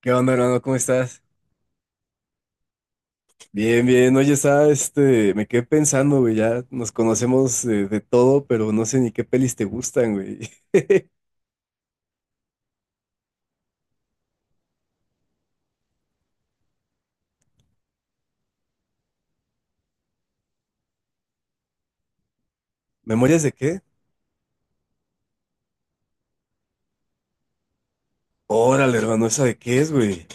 ¿Qué onda, hermano? ¿Cómo estás? Bien, bien. Oye, me quedé pensando, güey, ya nos conocemos todo, pero no sé ni qué pelis te gustan, güey. ¿Memorias de qué? Órale, hermano, ¿esa de qué es, güey?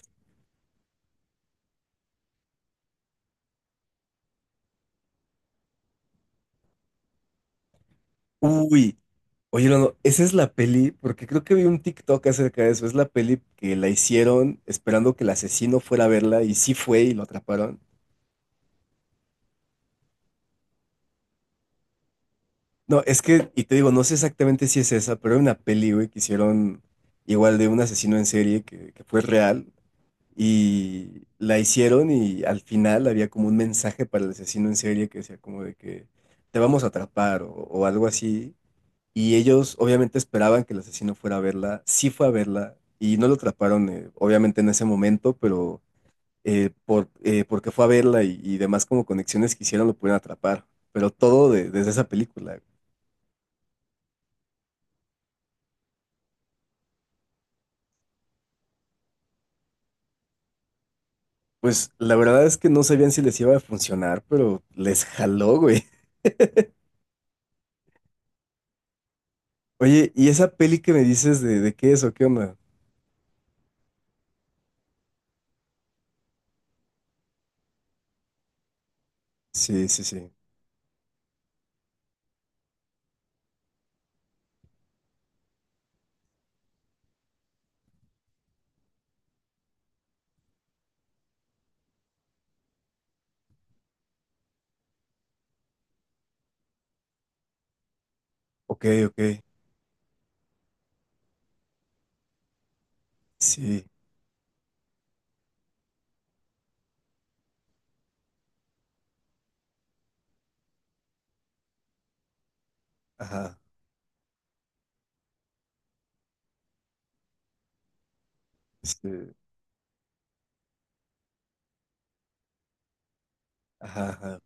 Uy, oye, hermano, esa es la peli, porque creo que vi un TikTok acerca de eso. Es la peli que la hicieron esperando que el asesino fuera a verla y sí fue y lo atraparon. No, es que, y te digo, no sé exactamente si es esa, pero hay una peli, güey, que hicieron igual de un asesino en serie que fue real. Y la hicieron y al final había como un mensaje para el asesino en serie que decía como de que te vamos a atrapar o algo así. Y ellos obviamente esperaban que el asesino fuera a verla, sí fue a verla y no lo atraparon obviamente en ese momento, pero porque fue a verla y demás como conexiones que hicieron lo pudieron atrapar. Pero todo desde esa película. Pues la verdad es que no sabían si les iba a funcionar, pero les jaló, güey. Oye, ¿y esa peli que me dices de qué es o qué onda? Sí, sí, sí. Ok, ok. Sí, ajá. Este, ajá, ajá.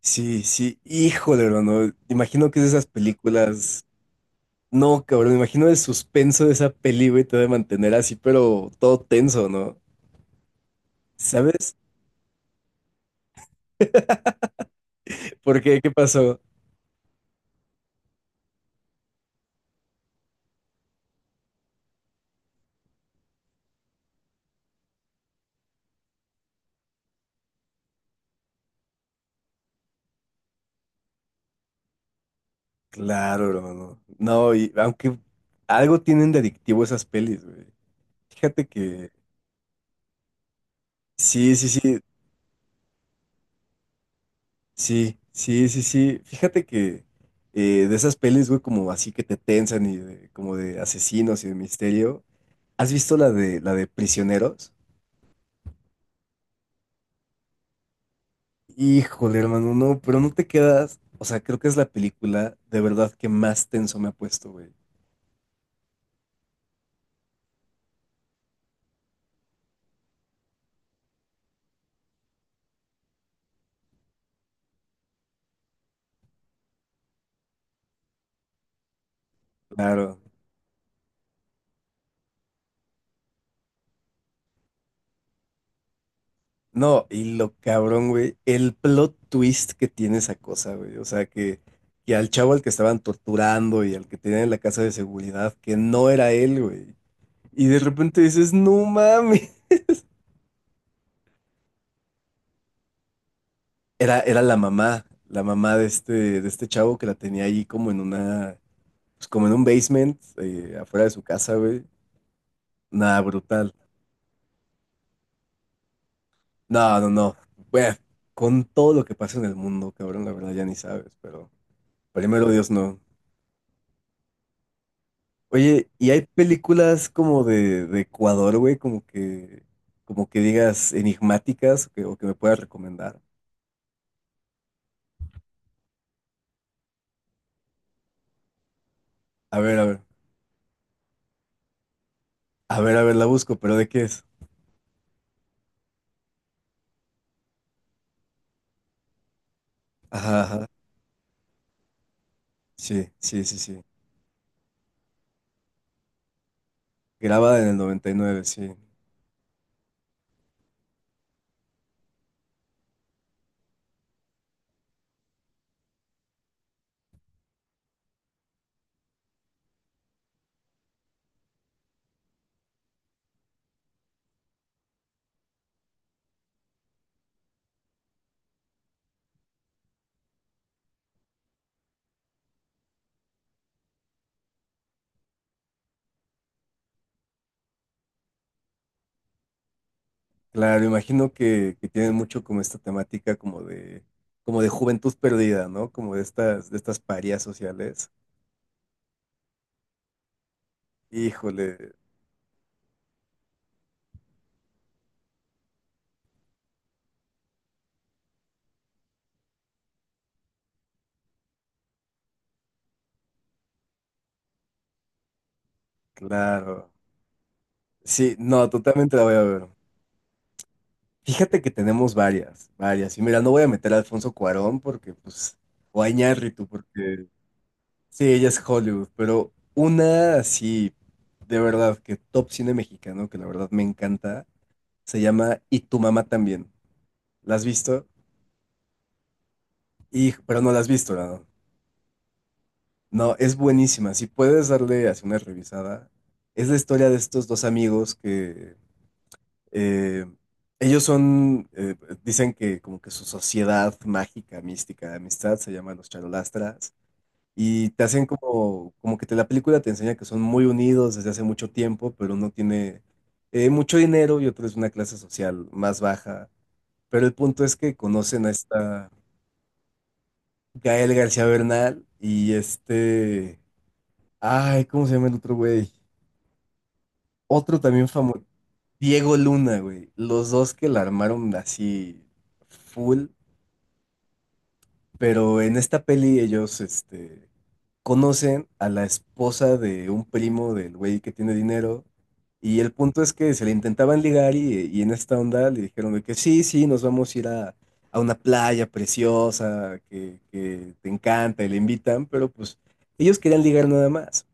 Sí, sí. Híjole, hermano. Imagino que es de esas películas. No, cabrón. Me imagino el suspenso de esa peli, güey, te debe mantener así, pero todo tenso, ¿no? ¿Sabes? ¿Por qué? ¿Qué pasó? Claro, hermano. No, y aunque algo tienen de adictivo esas pelis, güey. Fíjate que. Sí, sí, sí. Sí, sí, sí, sí. Fíjate que de esas pelis, güey, como así que te tensan y como de asesinos y de misterio. ¿Has visto la de Prisioneros? Híjole, hermano, no, pero no te quedas. O sea, creo que es la película de verdad que más tenso me ha puesto, güey. Claro. No, y lo cabrón, güey, el plot twist que tiene esa cosa, güey. O sea, que al chavo al que estaban torturando y al que tenían en la casa de seguridad, que no era él, güey. Y de repente dices, no mames. Era la mamá de este chavo que la tenía ahí como en una, pues como en un basement, afuera de su casa, güey. Nada, brutal. No, no, no. Bueno, con todo lo que pasa en el mundo, cabrón, la verdad ya ni sabes, pero primero Dios no. Oye, ¿y hay películas como de Ecuador, güey? Como que digas enigmáticas o que me puedas recomendar. A ver, a ver, a ver, a ver, la busco, pero ¿de qué es? Ajá, ajá. Sí, sí, sí, sí. Grabada en el noventa y nueve, sí. Claro, imagino que tienen mucho como esta temática como de juventud perdida, ¿no? Como de estas parias sociales. Híjole, claro. Sí, no, totalmente la voy a ver. Fíjate que tenemos varias, varias. Y mira, no voy a meter a Alfonso Cuarón porque, pues, o a Iñárritu porque, sí, ella es Hollywood, pero una así, de verdad, que top cine mexicano, que la verdad me encanta, se llama Y tu mamá también. ¿La has visto? Y, pero no la has visto, ¿no? No, es buenísima. Si puedes darle así una revisada, es la historia de estos dos amigos que eh, ellos son, dicen que como que su sociedad mágica, mística, de amistad se llama los charolastras y te hacen como, como que te, la película te enseña que son muy unidos desde hace mucho tiempo, pero uno tiene mucho dinero y otro es de una clase social más baja. Pero el punto es que conocen a esta Gael García Bernal y este... Ay, ¿cómo se llama el otro güey? Otro también famoso, Diego Luna, güey. Los dos que la armaron así full, pero en esta peli ellos, este, conocen a la esposa de un primo del güey que tiene dinero. Y el punto es que se le intentaban ligar y en esta onda le dijeron de que sí, sí, nos vamos a ir a una playa preciosa que te encanta y le invitan, pero pues ellos querían ligar nada más.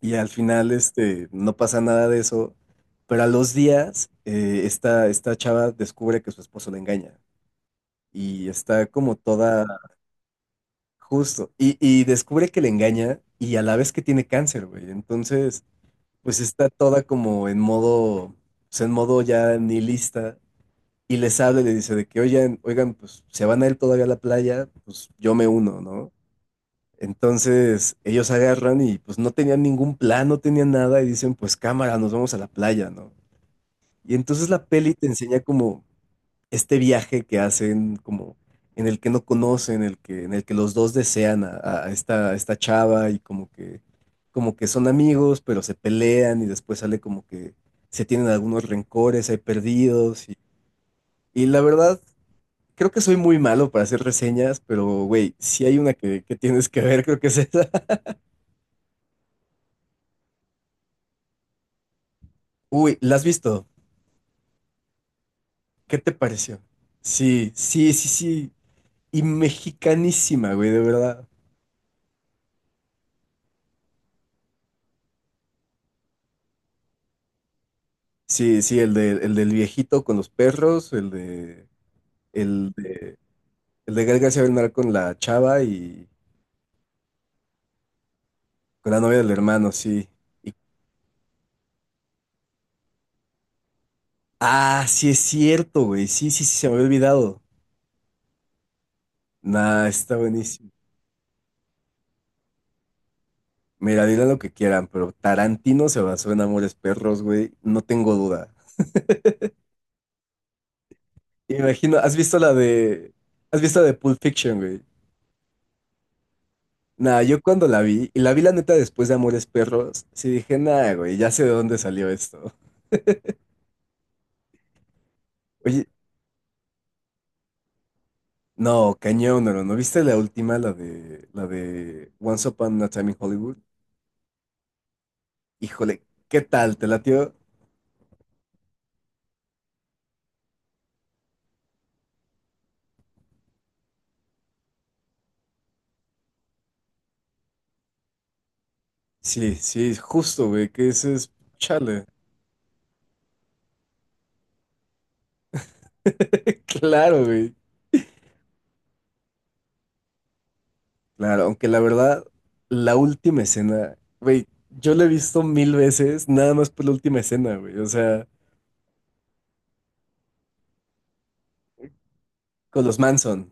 Y al final, este, no pasa nada de eso. Pero a los días, esta chava descubre que su esposo le engaña. Y está como toda justo. Y descubre que le engaña y a la vez que tiene cáncer, güey. Entonces, pues está toda como en modo, pues en modo ya nihilista. Y les habla y le dice de que, oigan, oigan, pues se van a ir todavía a la playa, pues yo me uno, ¿no? Entonces ellos agarran y pues no tenían ningún plan, no tenían nada y dicen pues cámara, nos vamos a la playa, ¿no? Y entonces la peli te enseña como este viaje que hacen, como en el que no conocen, en el que los dos desean a esta chava y como que son amigos, pero se pelean y después sale como que se tienen algunos rencores, hay perdidos y la verdad... Creo que soy muy malo para hacer reseñas, pero güey, si hay una que tienes que ver, creo que es esa. Uy, ¿la has visto? ¿Qué te pareció? Sí, sí, sí, sí. Y mexicanísima, güey, de verdad. Sí, sí, el de, el del viejito con los perros, el de, el de, el de Gael García Bernal con la chava y con la novia del hermano, sí. Y- ah, sí es cierto, güey. Sí, sí, sí, se me había olvidado. Nah, está buenísimo. Mira, dirán lo que quieran, pero Tarantino se basó en Amores Perros, güey. No tengo duda. Imagino, ¿has visto la de Pulp Fiction, güey? Nah, yo cuando la vi, y la vi la neta después de Amores Perros, sí dije, nah, güey, ya sé de dónde salió esto. Oye, no, cañón, ¿no? ¿No viste la última, la de Once Upon a Time in Hollywood? Híjole, ¿qué tal? ¿Te latió? Sí, sí, justo, güey, que ese es, chale. Claro, güey. Claro, aunque la verdad, la última escena, güey, yo la he visto mil veces, nada más por la última escena, güey, o sea, con los Manson.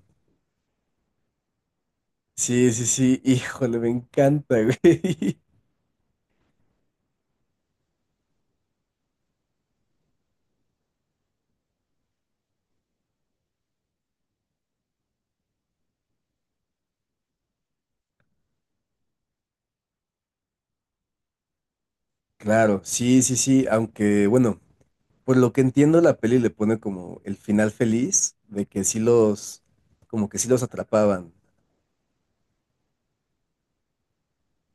Sí, sí, sí, híjole, me encanta, güey. Claro, sí, sí, sí, aunque bueno, por lo que entiendo la peli le pone como el final feliz de que sí los, como que sí los atrapaban.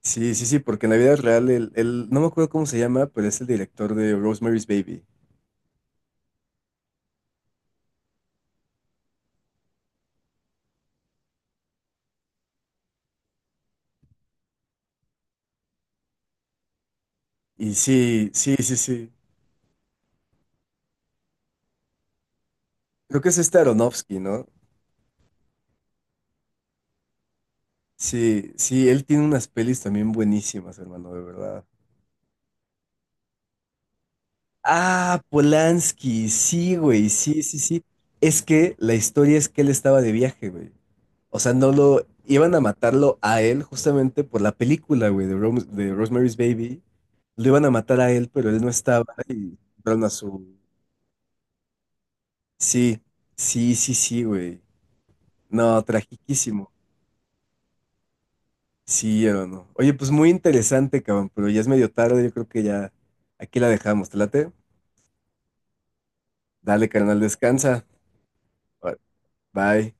Sí, sí, sí, porque en la vida real no me acuerdo cómo se llama, pero es el director de Rosemary's Baby. Y sí, sí, sí, sí. Creo que es este Aronofsky, ¿no? Sí, sí, él tiene unas pelis también buenísimas, hermano, de verdad. Ah, Polanski, sí, güey, sí, sí, sí. Es que la historia es que él estaba de viaje, güey. O sea, no lo iban a matarlo a él justamente por la película, güey, de, de Rosemary's Baby. Lo iban a matar a él, pero él no estaba y mataron a su... Sí, sí, sí, sí, güey. No, tragiquísimo. Sí, o no. no. Oye, pues muy interesante, cabrón, pero ya es medio tarde, yo creo que ya aquí la dejamos. ¿Te late? Dale, carnal, descansa. Bye.